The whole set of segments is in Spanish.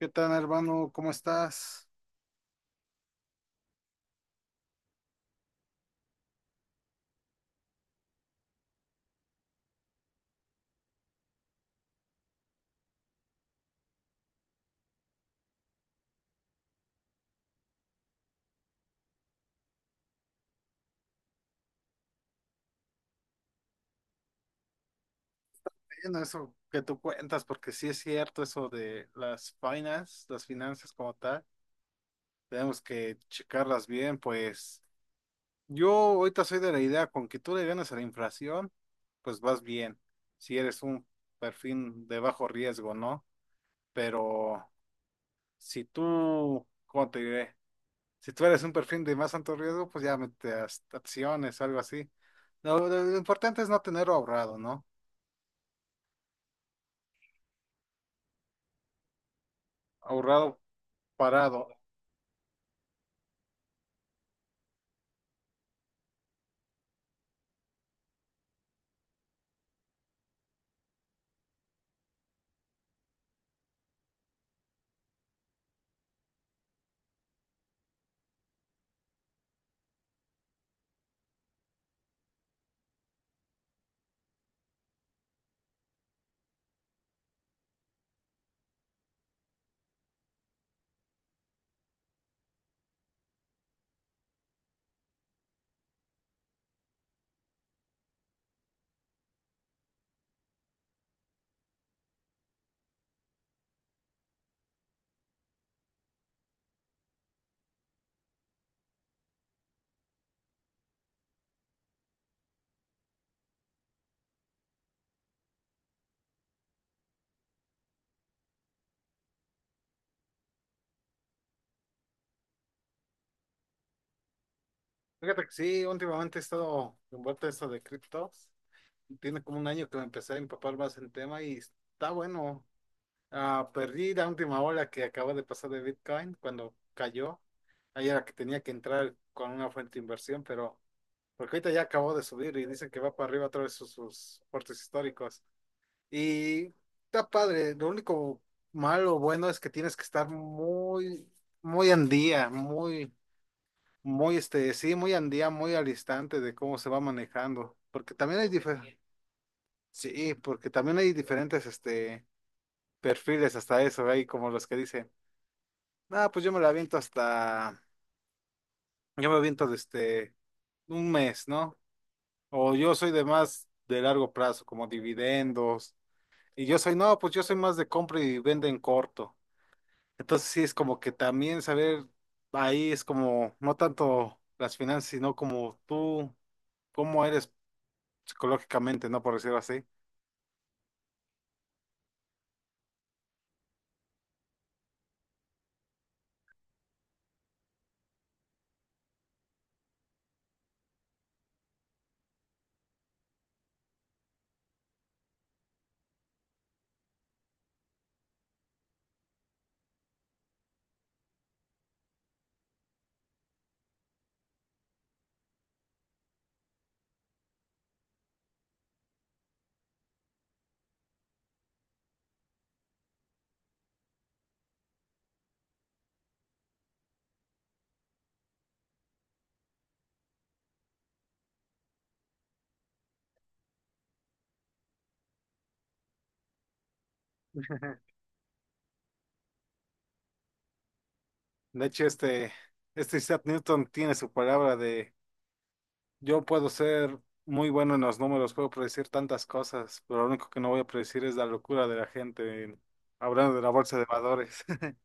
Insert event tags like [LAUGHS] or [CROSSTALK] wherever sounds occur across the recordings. ¿Qué tal, hermano? ¿Cómo estás? Bueno, eso que tú cuentas, porque sí es cierto eso de las finanzas como tal, tenemos que checarlas bien, pues yo ahorita soy de la idea, con que tú le ganes a la inflación, pues vas bien, si eres un perfil de bajo riesgo, ¿no? Pero si tú, ¿cómo te diré? Si tú eres un perfil de más alto riesgo, pues ya mete hasta acciones, algo así. Lo importante es no tenerlo ahorrado, ¿no? Ahorrado parado. Fíjate que sí, últimamente he estado envuelto en esto de criptos. Tiene como un año que me empecé a empapar más en tema y está bueno. Ah, perdí la última ola que acaba de pasar de Bitcoin cuando cayó. Ahí era que tenía que entrar con una fuente de inversión, pero porque ahorita ya acabó de subir y dicen que va para arriba otra vez sus, sus fuertes históricos. Y está padre. Lo único malo o bueno es que tienes que estar muy, muy en día, muy muy, sí, muy andía, muy al instante de cómo se va manejando, porque también hay diferentes, sí, porque también hay diferentes, perfiles hasta eso, hay como los que dicen, ah, pues yo me la aviento hasta, yo me aviento desde un mes, ¿no? O yo soy de más de largo plazo, como dividendos, y yo soy, no, pues yo soy más de compra y vende en corto, entonces sí, es como que también saber, ahí es como, no tanto las finanzas, sino como tú, cómo eres psicológicamente, ¿no? Por decirlo así. De hecho, este Isaac Newton tiene su palabra de yo puedo ser muy bueno en los números, puedo predecir tantas cosas, pero lo único que no voy a predecir es la locura de la gente hablando de la bolsa de valores. [LAUGHS]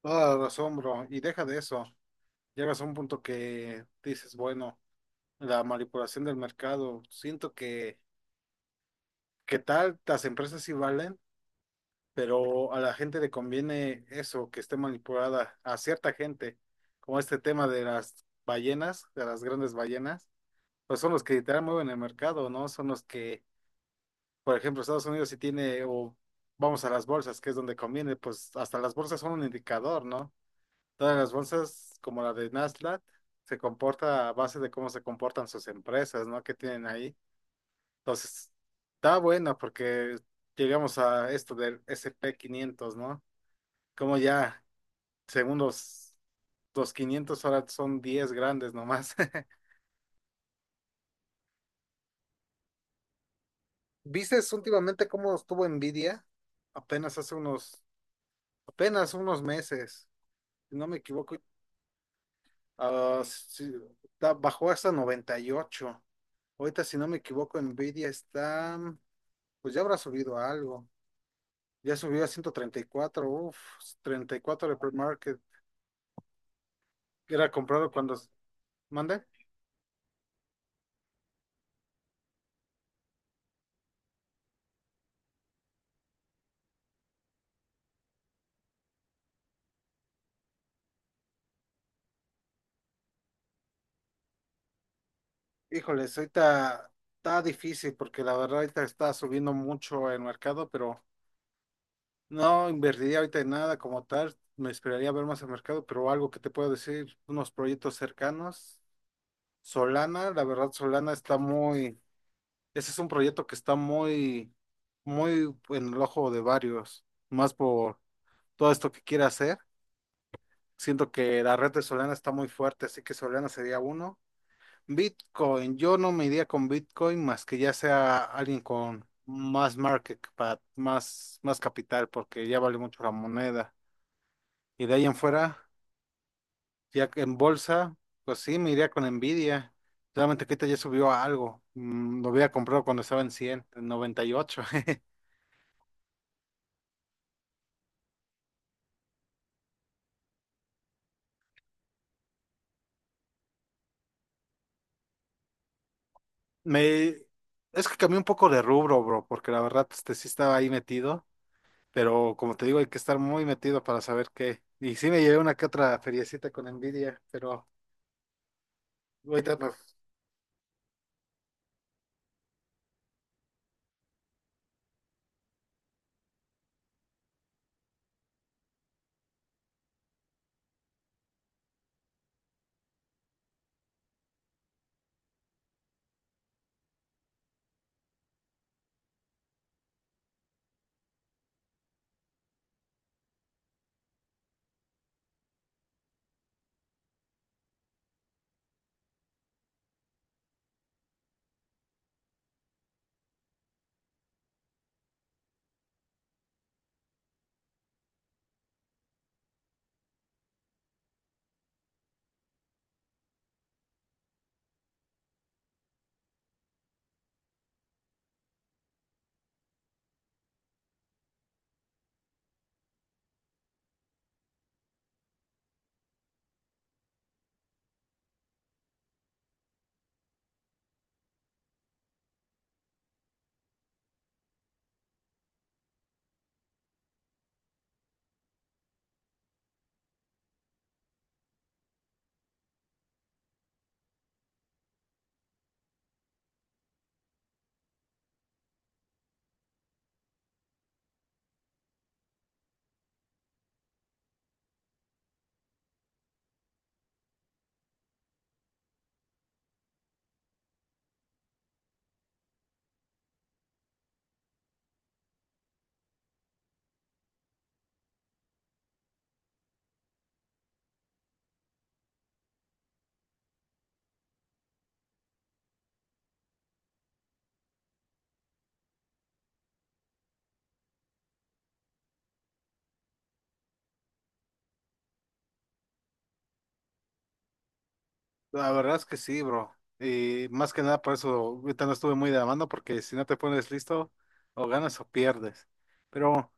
Todo asombro, y deja de eso. Llegas a un punto que dices, bueno, la manipulación del mercado, siento que tal, las empresas sí valen. Pero a la gente le conviene eso, que esté manipulada a cierta gente, como este tema de las ballenas, de las grandes ballenas, pues son los que literal mueven el mercado, ¿no? Son los que, por ejemplo, Estados Unidos si tiene, o vamos a las bolsas, que es donde conviene, pues hasta las bolsas son un indicador, ¿no? Todas las bolsas, como la de Nasdaq, se comporta a base de cómo se comportan sus empresas, ¿no? Que tienen ahí. Entonces, está buena porque llegamos a esto del S&P 500, ¿no? Como ya, según los 500 ahora son 10 grandes nomás. [LAUGHS] ¿Vistes últimamente cómo estuvo Nvidia? Apenas hace unos, apenas unos meses, si no me equivoco, ah, sí, bajó hasta 98. Ahorita, si no me equivoco, Nvidia está, pues ya habrá subido a algo. Ya subió a 134, uff, 34 de pre-market. Era comprado cuando, ¿mande? Híjoles, ahorita está difícil porque la verdad ahorita está subiendo mucho el mercado, pero no invertiría ahorita en nada como tal. Me esperaría ver más el mercado, pero algo que te puedo decir, unos proyectos cercanos. Solana, la verdad Solana está muy, ese es un proyecto que está muy, muy en el ojo de varios, más por todo esto que quiere hacer. Siento que la red de Solana está muy fuerte, así que Solana sería uno. Bitcoin, yo no me iría con Bitcoin más que ya sea alguien con más market cap, más, más capital, porque ya vale mucho la moneda. Y de ahí en fuera, ya que en bolsa, pues sí, me iría con Nvidia. Solamente que ahorita ya subió a algo. Lo había comprado cuando estaba en 100, en 98. [LAUGHS] Me... Es que cambié un poco de rubro, bro, porque la verdad este, sí estaba ahí metido, pero como te digo, hay que estar muy metido para saber qué. Y sí me llevé una que otra feriecita con Nvidia, pero... Ahorita, pues, la verdad es que sí, bro. Y más que nada por eso ahorita no estuve muy de la mano, porque si no te pones listo, o ganas o pierdes. Pero,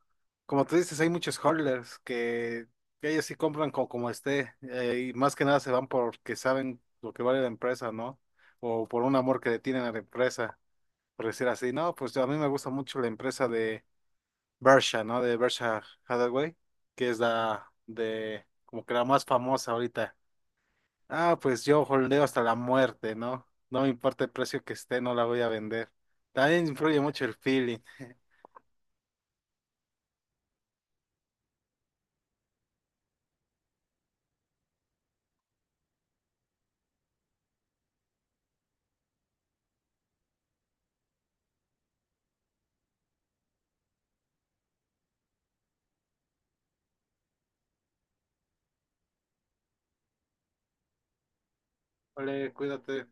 como tú dices, hay muchos holders que ellos sí compran como, y más que nada se van porque saben lo que vale la empresa, ¿no? O por un amor que le tienen a la empresa, por decir así. No, pues a mí me gusta mucho la empresa de Berkshire, ¿no? De Berkshire Hathaway, que es la de, como que la más famosa ahorita. Ah, pues yo holdeo hasta la muerte, ¿no? No me importa el precio que esté, no la voy a vender. También influye mucho el feeling. Vale, cuídate.